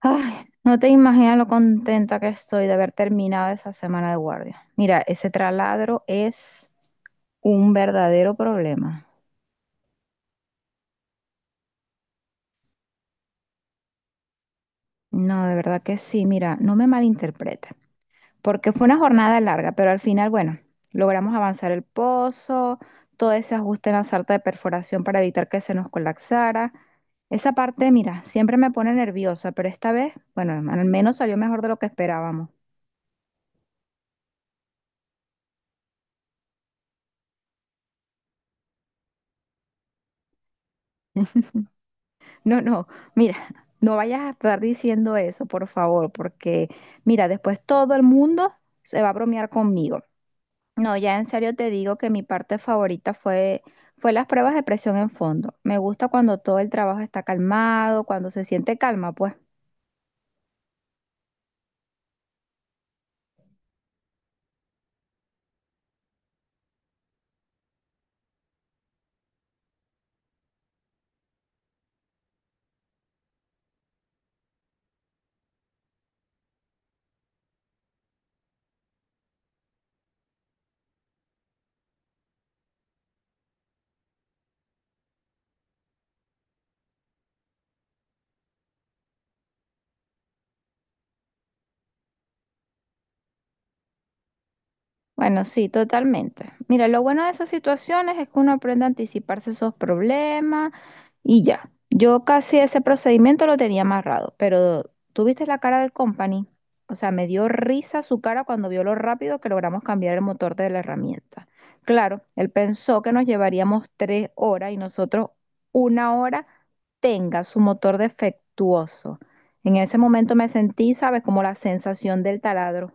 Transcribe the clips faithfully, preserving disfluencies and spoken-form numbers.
Ay, no te imaginas lo contenta que estoy de haber terminado esa semana de guardia. Mira, ese traladro es un verdadero problema. No, de verdad que sí. Mira, no me malinterpretes, porque fue una jornada larga, pero al final, bueno, logramos avanzar el pozo, todo ese ajuste en la sarta de perforación para evitar que se nos colapsara. Esa parte, mira, siempre me pone nerviosa, pero esta vez, bueno, al menos salió mejor de lo que esperábamos. No, no, mira, no vayas a estar diciendo eso, por favor, porque mira, después todo el mundo se va a bromear conmigo. No, ya en serio te digo que mi parte favorita fue, fue las pruebas de presión en fondo. Me gusta cuando todo el trabajo está calmado, cuando se siente calma, pues. Bueno, sí, totalmente. Mira, lo bueno de esas situaciones es que uno aprende a anticiparse esos problemas. Y ya, yo casi ese procedimiento lo tenía amarrado, pero tuviste la cara del company. O sea, me dio risa su cara cuando vio lo rápido que logramos cambiar el motor de la herramienta. Claro, él pensó que nos llevaríamos tres horas y nosotros una hora tenga su motor defectuoso. En ese momento me sentí, ¿sabes? Como la sensación del taladro.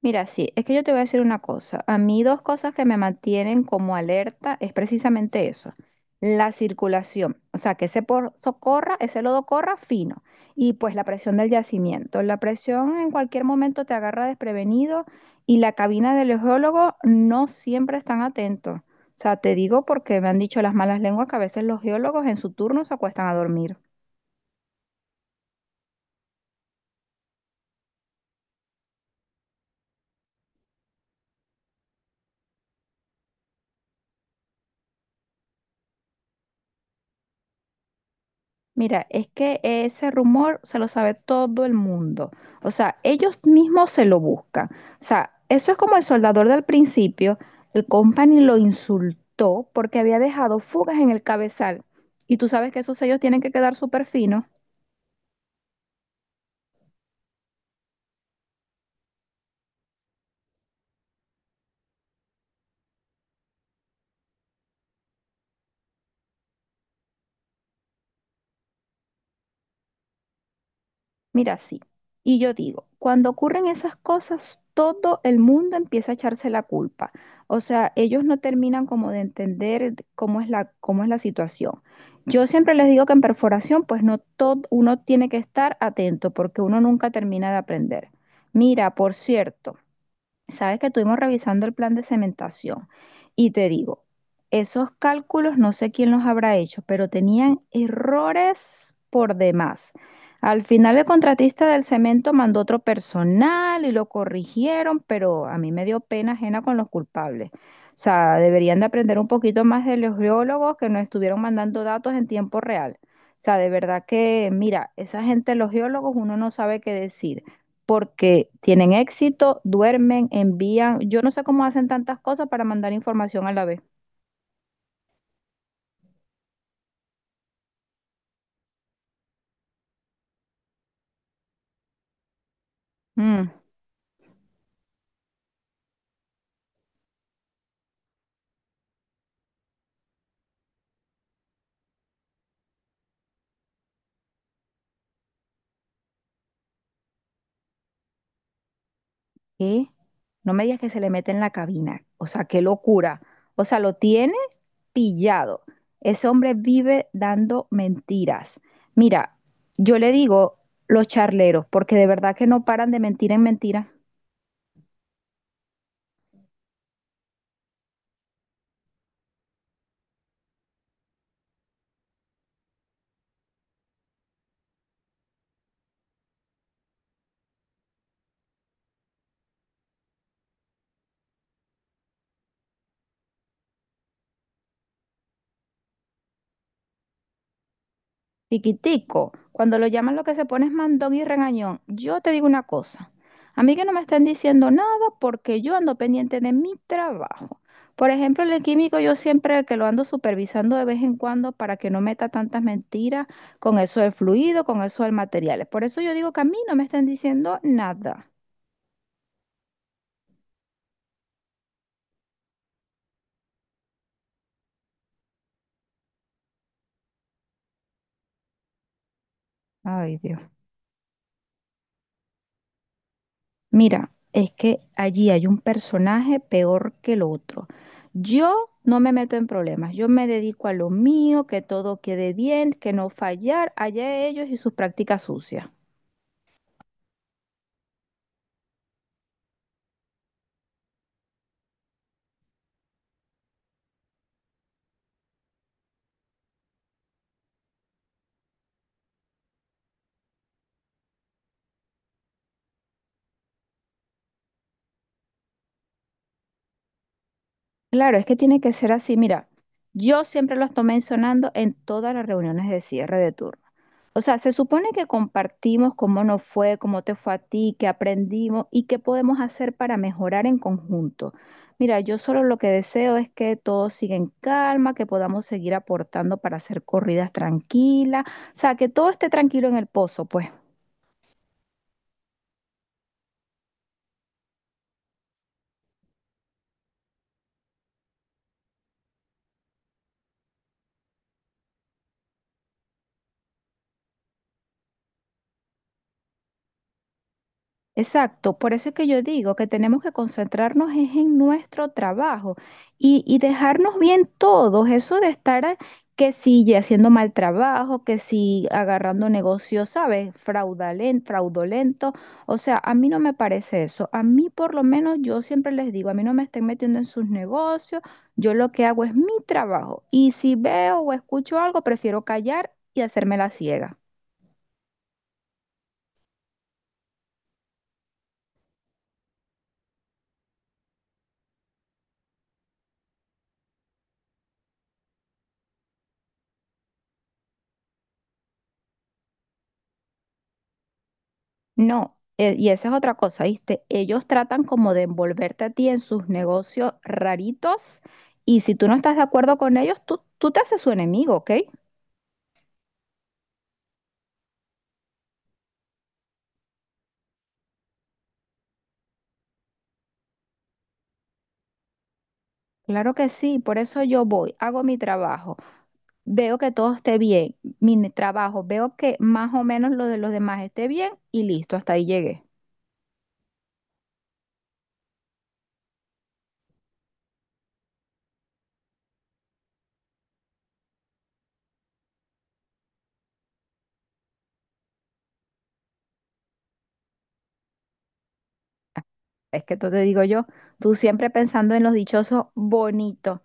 Mira, sí, es que yo te voy a decir una cosa. A mí dos cosas que me mantienen como alerta es precisamente eso, la circulación, o sea, que ese pozo corra, ese lodo corra fino y pues la presión del yacimiento. La presión en cualquier momento te agarra desprevenido y la cabina del geólogo no siempre están atentos. O sea, te digo porque me han dicho las malas lenguas que a veces los geólogos en su turno se acuestan a dormir. Mira, es que ese rumor se lo sabe todo el mundo. O sea, ellos mismos se lo buscan. O sea, eso es como el soldador del principio. El company lo insultó porque había dejado fugas en el cabezal. Y tú sabes que esos sellos tienen que quedar súper finos. Mira, sí. Y yo digo, cuando ocurren esas cosas, todo el mundo empieza a echarse la culpa. O sea, ellos no terminan como de entender de cómo es la, cómo es la situación. Yo siempre les digo que en perforación, pues no todo, uno tiene que estar atento porque uno nunca termina de aprender. Mira, por cierto. Sabes que estuvimos revisando el plan de cementación y te digo, esos cálculos no sé quién los habrá hecho, pero tenían errores por demás. Al final el contratista del cemento mandó otro personal y lo corrigieron, pero a mí me dio pena ajena con los culpables. O sea, deberían de aprender un poquito más de los geólogos que nos estuvieron mandando datos en tiempo real. O sea, de verdad que, mira, esa gente, los geólogos, uno no sabe qué decir porque tienen éxito, duermen, envían. Yo no sé cómo hacen tantas cosas para mandar información a la vez. Mm. ¿Qué? No me digas que se le mete en la cabina. O sea, qué locura. O sea, lo tiene pillado. Ese hombre vive dando mentiras. Mira, yo le digo los charleros, porque de verdad que no paran de mentir en mentira. Piquitico, cuando lo llaman lo que se pone es mandón y regañón. Yo te digo una cosa, a mí que no me están diciendo nada porque yo ando pendiente de mi trabajo. Por ejemplo, el químico yo siempre que lo ando supervisando de vez en cuando para que no meta tantas mentiras con eso del fluido, con eso del material. Por eso yo digo que a mí no me están diciendo nada. Ay, Dios. Mira, es que allí hay un personaje peor que el otro. Yo no me meto en problemas, yo me dedico a lo mío, que todo quede bien, que no fallar, allá ellos y sus prácticas sucias. Claro, es que tiene que ser así. Mira, yo siempre los tomé entonando en todas las reuniones de cierre de turno. O sea, se supone que compartimos cómo nos fue, cómo te fue a ti, qué aprendimos y qué podemos hacer para mejorar en conjunto. Mira, yo solo lo que deseo es que todo siga en calma, que podamos seguir aportando para hacer corridas tranquilas, o sea, que todo esté tranquilo en el pozo, pues. Exacto, por eso es que yo digo que tenemos que concentrarnos es en nuestro trabajo y, y dejarnos bien todos, eso de estar a- que si ya haciendo mal trabajo, que si agarrando negocios, ¿sabes? Fraudalen- fraudulento, o sea, a mí no me parece eso, a mí por lo menos yo siempre les digo, a mí no me estén metiendo en sus negocios, yo lo que hago es mi trabajo y si veo o escucho algo, prefiero callar y hacerme la ciega. No, eh, y esa es otra cosa, ¿viste? Ellos tratan como de envolverte a ti en sus negocios raritos y si tú no estás de acuerdo con ellos, tú, tú te haces su enemigo, ¿ok? Claro que sí, por eso yo voy, hago mi trabajo, veo que todo esté bien, mi ne- trabajo, veo que más o menos lo de los demás esté bien y listo, hasta ahí llegué. Es que tú te digo yo, tú siempre pensando en los dichosos bonitos,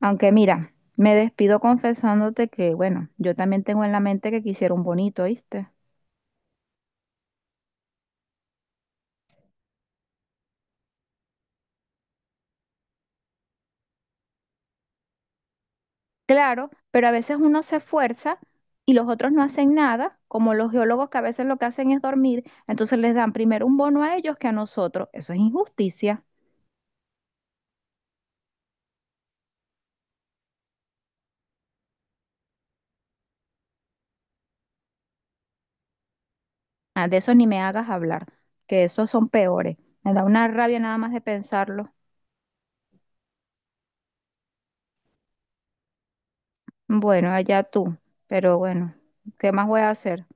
aunque mira, me despido confesándote que, bueno, yo también tengo en la mente que quisiera un bonito, ¿viste? Claro, pero a veces uno se esfuerza y los otros no hacen nada, como los geólogos que a veces lo que hacen es dormir, entonces les dan primero un bono a ellos que a nosotros. Eso es injusticia. Ah, de eso ni me hagas hablar, que esos son peores. Me da una rabia nada más de pensarlo. Bueno, allá tú, pero bueno, ¿qué más voy a hacer?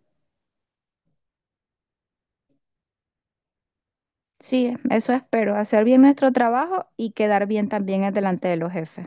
Sí, eso espero, hacer bien nuestro trabajo y quedar bien también delante de los jefes.